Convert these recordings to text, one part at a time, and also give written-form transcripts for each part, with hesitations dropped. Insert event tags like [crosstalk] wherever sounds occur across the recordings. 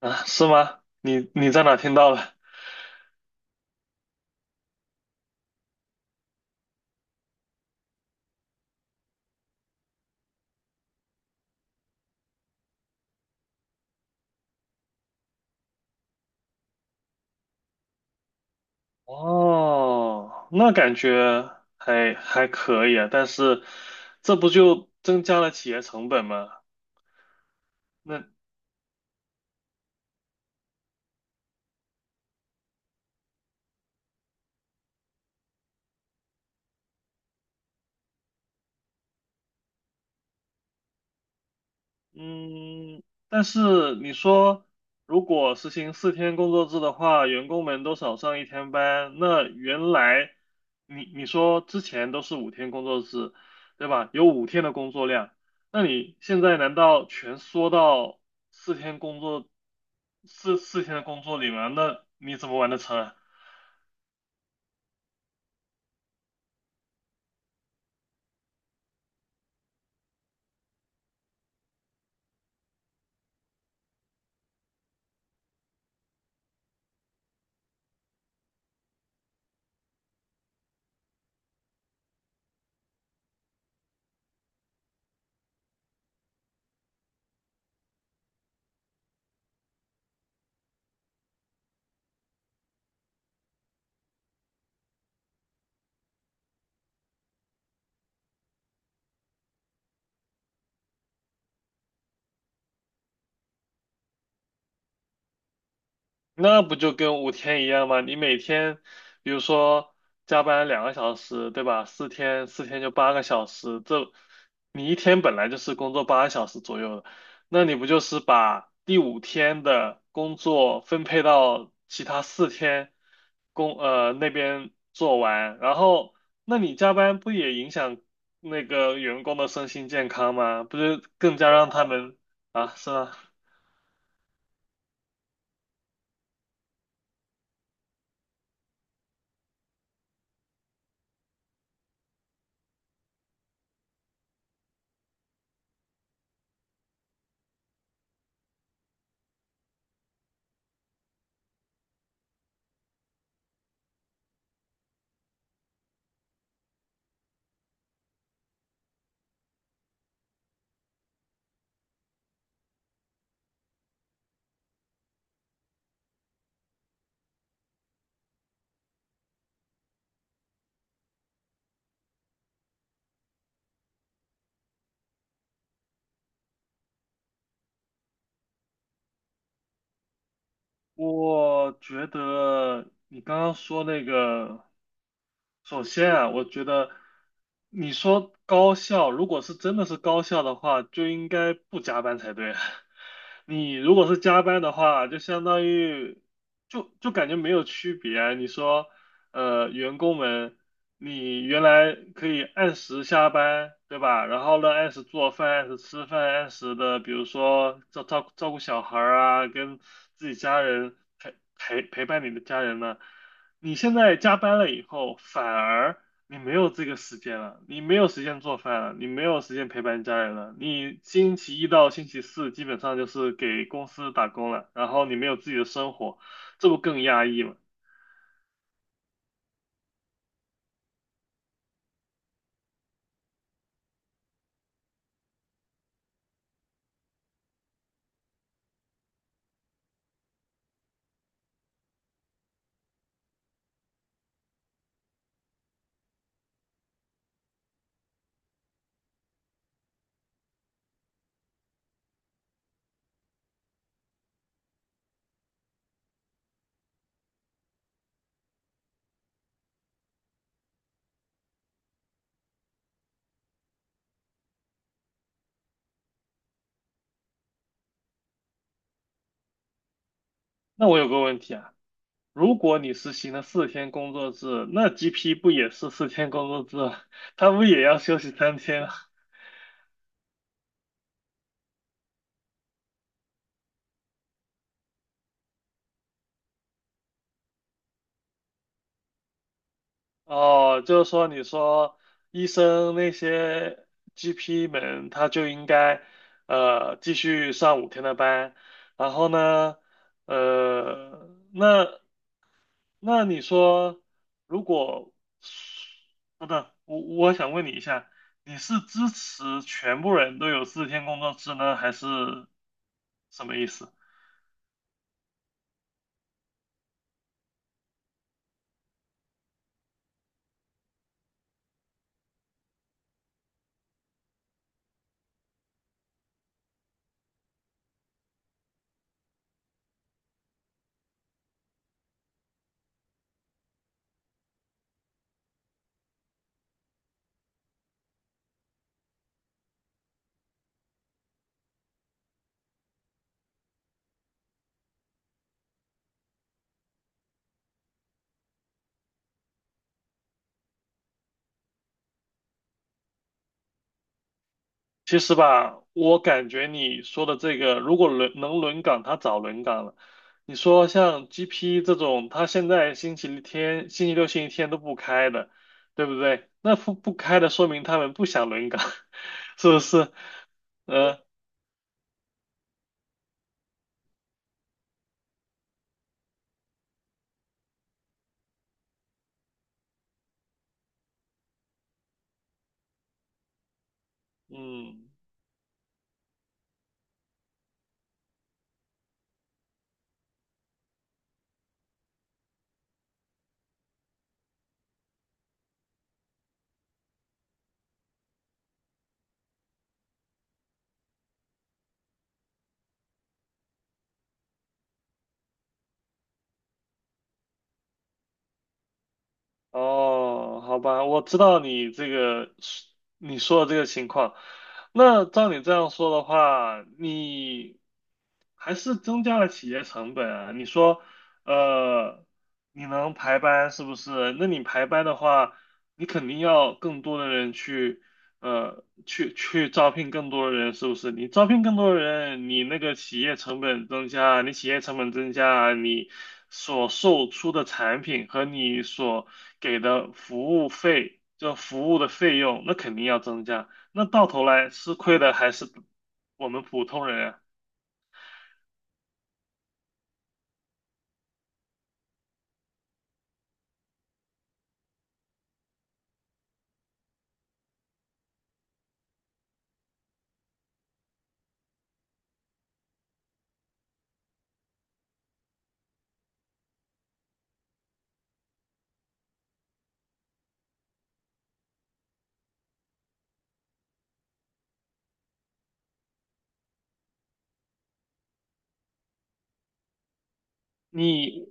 啊，是吗？你在哪听到了？哦，那感觉还可以啊，但是这不就增加了企业成本吗？那嗯，但是你说，如果实行四天工作制的话，员工们都少上一天班，那原来你说之前都是5天工作制，对吧？有5天的工作量，那你现在难道全缩到四天工作，四天的工作里吗？那你怎么完得成啊？那不就跟五天一样吗？你每天，比如说加班2个小时，对吧？四天就八个小时，这你一天本来就是工作八个小时左右的，那你不就是把第5天的工作分配到其他4天那边做完，然后那你加班不也影响那个员工的身心健康吗？不就更加让他们啊，是吗？我觉得你刚刚说那个，首先啊，我觉得你说高校，如果是真的是高校的话，就应该不加班才对啊。[laughs] 你如果是加班的话，就相当于就感觉没有区别啊。你说员工们，你原来可以按时下班，对吧？然后呢，按时做饭，按时吃饭，按时的，比如说照顾小孩儿啊，跟自己家人陪伴你的家人呢。你现在加班了以后，反而你没有这个时间了，你没有时间做饭了，你没有时间陪伴家人了。你星期一到星期四基本上就是给公司打工了，然后你没有自己的生活，这不更压抑吗？那我有个问题啊。如果你实行了四天工作制，那 GP 不也是四天工作制吗 [laughs] 他不也要休息3天啊？哦，就是说，你说医生那些 GP 们，他就应该继续上5天的班，然后呢，呃，那那你说，如果，等等，我想问你一下，你是支持全部人都有四天工作制呢，还是什么意思？其实吧，我感觉你说的这个，如果能轮岗，他早轮岗了。你说像 GP 这种，他现在星期天、星期六、星期天都不开的，对不对？那不开的，说明他们不想轮岗，[laughs] 是不是？呃，嗯。哦，好吧，我知道你这个是你说的这个情况。那照你这样说的话，你还是增加了企业成本啊。你说，呃，你能排班是不是？那你排班的话，你肯定要更多的人去，去招聘更多的人，是不是？你招聘更多的人，你那个企业成本增加，你企业成本增加，你。所售出的产品和你所给的服务费，就服务的费用，那肯定要增加。那到头来吃亏的还是我们普通人啊。你，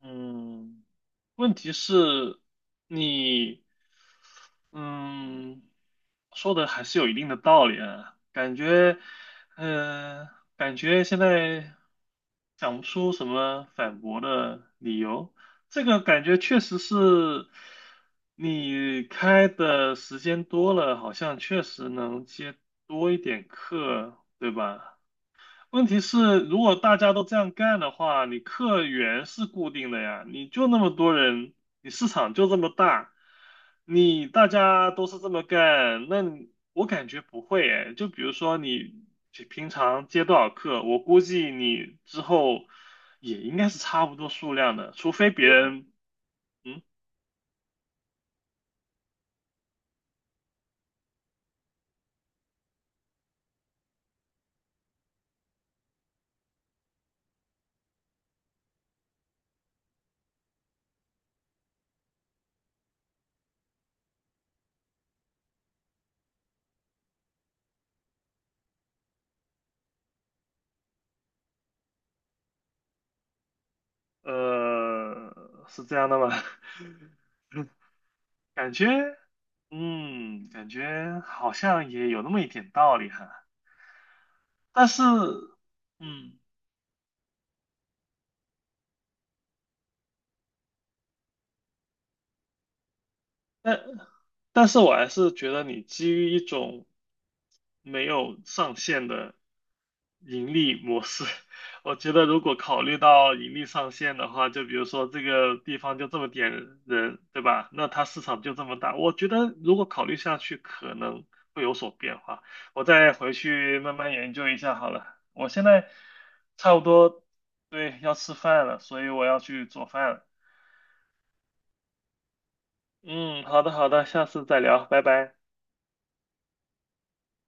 嗯，问题是，你。嗯，说的还是有一定的道理啊，感觉，嗯、感觉现在想不出什么反驳的理由。这个感觉确实是，你开的时间多了，好像确实能接多一点课，对吧？问题是，如果大家都这样干的话，你客源是固定的呀，你就那么多人，你市场就这么大，你大家都是这么干，那你我感觉不会哎。就比如说你平常接多少客，我估计你之后也应该是差不多数量的，除非别人，嗯，是这样的吗？[laughs] 感觉，嗯，感觉好像也有那么一点道理哈。但是，嗯，但但是我还是觉得你基于一种没有上限的盈利模式，[laughs] 我觉得如果考虑到盈利上限的话，就比如说这个地方就这么点人，对吧？那它市场就这么大，我觉得如果考虑下去，可能会有所变化。我再回去慢慢研究一下好了。我现在差不多，对，要吃饭了，所以我要去做饭了。嗯，好的好的，下次再聊，拜拜。